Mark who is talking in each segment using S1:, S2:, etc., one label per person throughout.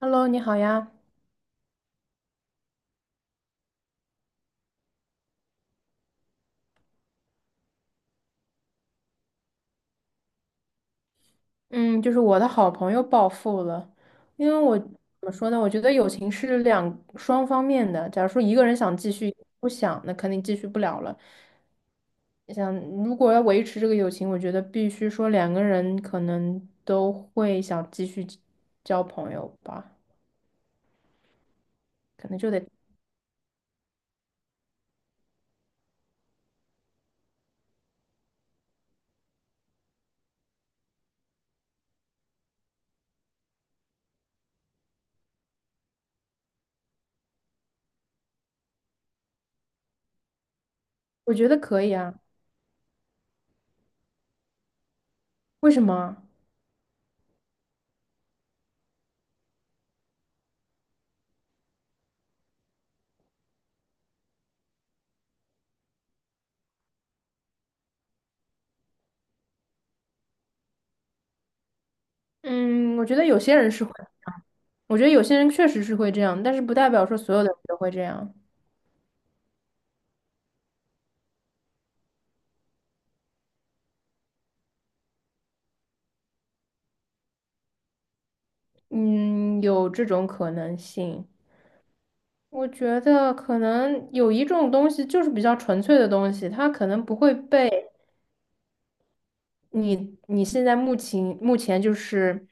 S1: Hello，你好呀。嗯，就是我的好朋友暴富了，因为我怎么说呢？我觉得友情是两双方面的。假如说一个人想继续，不想，那肯定继续不了了。想如果要维持这个友情，我觉得必须说两个人可能都会想继续交朋友吧，可能就得，我觉得可以啊。为什么啊嗯，我觉得有些人是会，我觉得有些人确实是会这样，但是不代表说所有的人都会这样。嗯，有这种可能性。我觉得可能友谊这种东西就是比较纯粹的东西，它可能不会被你现在目前就是，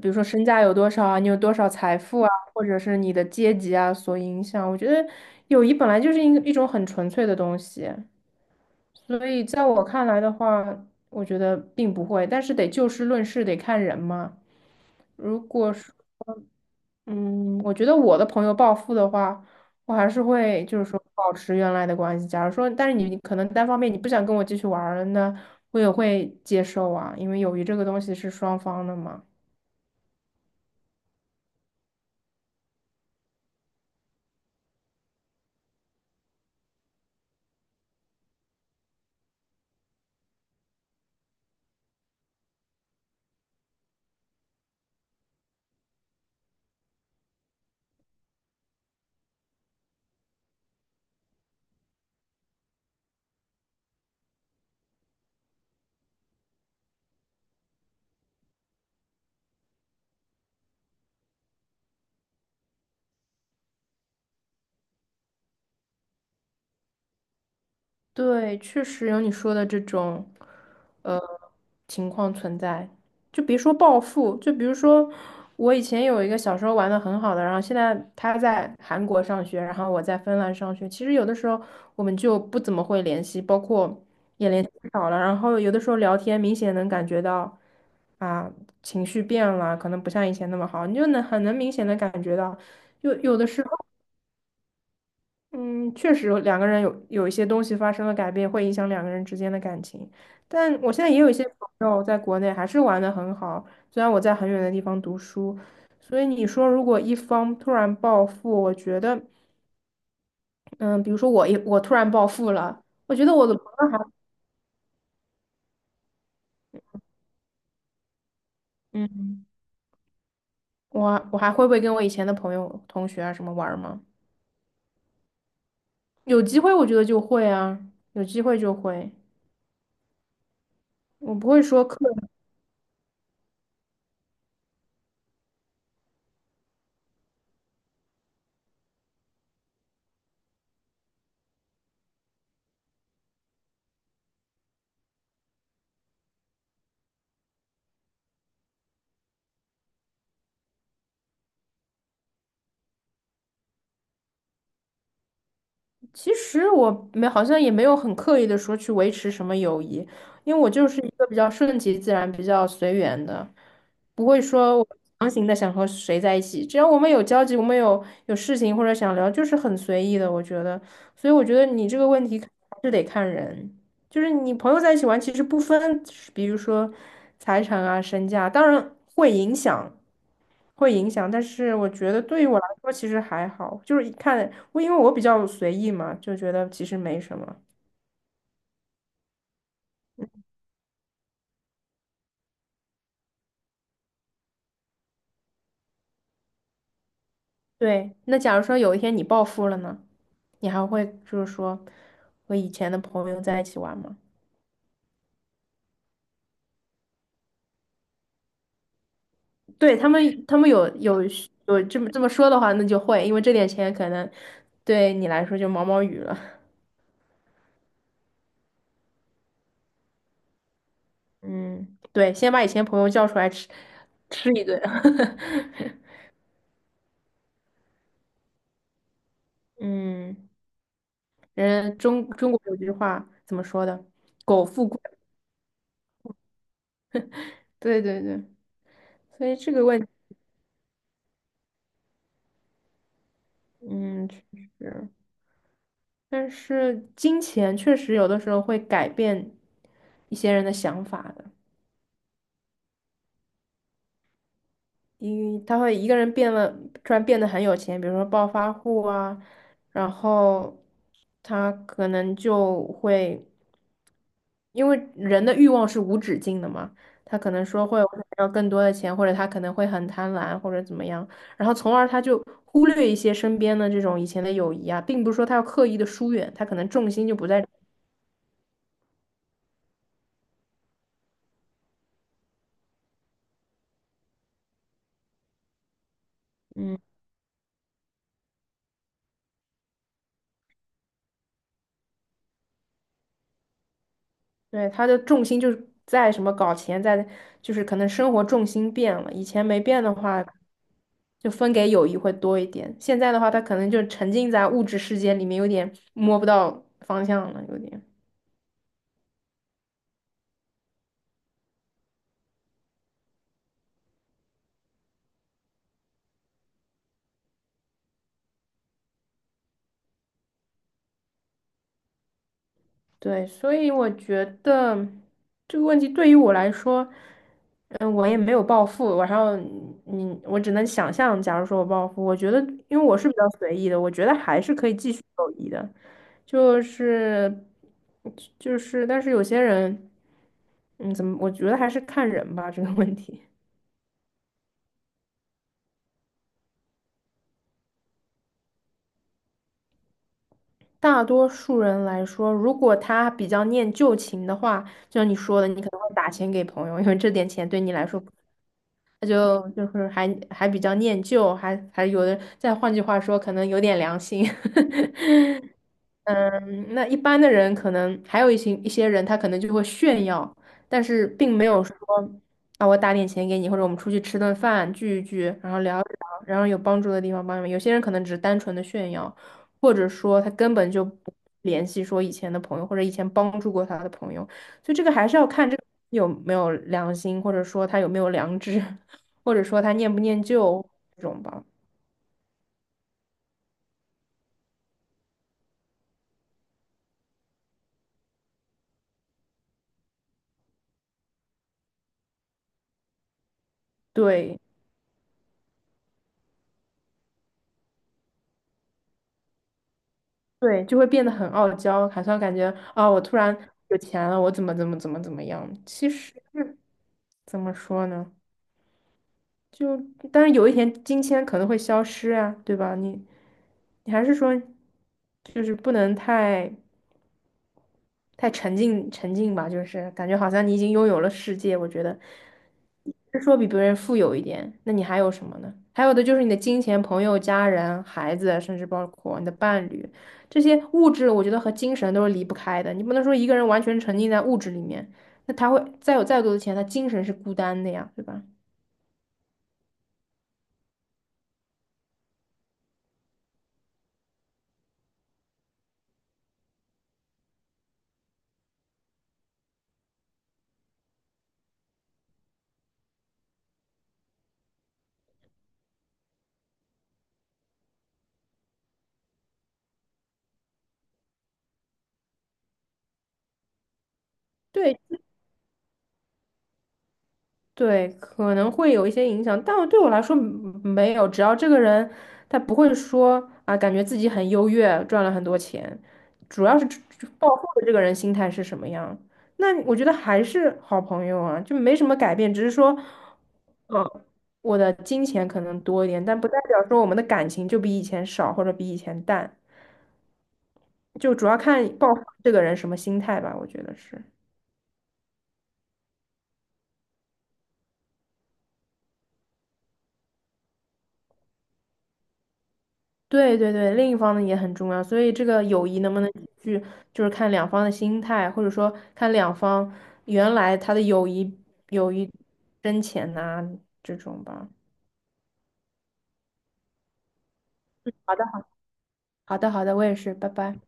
S1: 比如说身价有多少啊，你有多少财富啊，或者是你的阶级啊所影响。我觉得友谊本来就是一种很纯粹的东西，所以在我看来的话，我觉得并不会。但是得就事论事，得看人嘛。如果说。嗯，我觉得我的朋友暴富的话，我还是会就是说保持原来的关系。假如说，但是你可能单方面你不想跟我继续玩儿了，那我也会接受啊，因为友谊这个东西是双方的嘛。对，确实有你说的这种，呃，情况存在。就别说暴富，就比如说我以前有一个小时候玩的很好的，然后现在他在韩国上学，然后我在芬兰上学。其实有的时候我们就不怎么会联系，包括也联系少了。然后有的时候聊天，明显能感觉到啊，情绪变了，可能不像以前那么好，你就能很能明显的感觉到。有的时候。嗯，确实两个人有一些东西发生了改变，会影响两个人之间的感情。但我现在也有一些朋友在国内还是玩的很好，虽然我在很远的地方读书，所以你说如果一方突然暴富，我觉得，嗯，比如说我突然暴富了，我觉得我的朋友还，嗯，我还会不会跟我以前的朋友、同学啊什么玩儿吗？有机会我觉得就会啊，有机会就会，我不会说刻。其实我没好像也没有很刻意的说去维持什么友谊，因为我就是一个比较顺其自然、比较随缘的，不会说我强行的想和谁在一起。只要我们有交集，我们有事情或者想聊，就是很随意的，我觉得。所以我觉得你这个问题还是得看人。就是你朋友在一起玩，其实不分，比如说财产啊、身价，当然会影响，会影响。但是我觉得对于我来说，其实还好，就是一看我，因为我比较随意嘛，就觉得其实没什么。对，那假如说有一天你暴富了呢，你还会就是说和以前的朋友在一起玩吗？对，他们，他们有有这么说的话，那就会，因为这点钱可能对你来说就毛毛雨了。嗯，对，先把以前朋友叫出来吃一顿。嗯，人中国有句话怎么说的？对对对，所以这个问题，嗯，确实，但是金钱确实有的时候会改变一些人的想法的。因为他会一个人变了，突然变得很有钱，比如说暴发户啊，然后他可能就会，因为人的欲望是无止境的嘛，他可能说会我想要更多的钱，或者他可能会很贪婪或者怎么样，然后从而他就忽略一些身边的这种以前的友谊啊，并不是说他要刻意的疏远，他可能重心就不在。嗯。对，他的重心就是在什么搞钱，在就是可能生活重心变了，以前没变的话，就分给友谊会多一点，现在的话，他可能就沉浸在物质世界里面，有点摸不到方向了，有点。对，所以我觉得这个问题对于我来说，嗯，我也没有暴富，然后你，嗯我只能想象，假如说我暴富，我觉得，因为我是比较随意的，我觉得还是可以继续友谊的，就是就是，但是有些人，嗯，怎么，我觉得还是看人吧，这个问题。大多数人来说，如果他比较念旧情的话，就像你说的，你可能会打钱给朋友，因为这点钱对你来说。他就就是还比较念旧，还有的，再换句话说，可能有点良心。嗯，那一般的人可能还有一些人，他可能就会炫耀，但是并没有说啊，我打点钱给你，或者我们出去吃顿饭聚一聚，然后聊一聊，然后有帮助的地方帮你们。有些人可能只是单纯的炫耀，或者说他根本就不联系说以前的朋友或者以前帮助过他的朋友，所以这个还是要看这个有没有良心，或者说他有没有良知，或者说他念不念旧这种吧。对。对，就会变得很傲娇，好像感觉啊，我突然有钱了，我怎么怎么怎么怎么样？其实怎么说呢？就但是有一天金钱可能会消失啊，对吧？你你还是说，就是不能太。太沉浸吧，就是感觉好像你已经拥有了世界。我觉得，是说比别人富有一点，那你还有什么呢？还有的就是你的金钱、朋友、家人、孩子，甚至包括你的伴侣，这些物质，我觉得和精神都是离不开的。你不能说一个人完全沉浸在物质里面，那他会再有再多的钱，他精神是孤单的呀，对吧？对，对，可能会有一些影响，但对我来说嗯没有。只要这个人他不会说啊，感觉自己很优越，赚了很多钱，主要是这暴富的这个人心态是什么样。那我觉得还是好朋友啊，就没什么改变，只是说，嗯，我的金钱可能多一点，但不代表说我们的感情就比以前少或者比以前淡，就主要看暴富这个人什么心态吧，我觉得是。对对对，另一方呢也很重要，所以这个友谊能不能去，就是看两方的心态，或者说看两方原来他的友谊友谊深浅呐、这种吧。好的。好的好的，我也是，拜拜。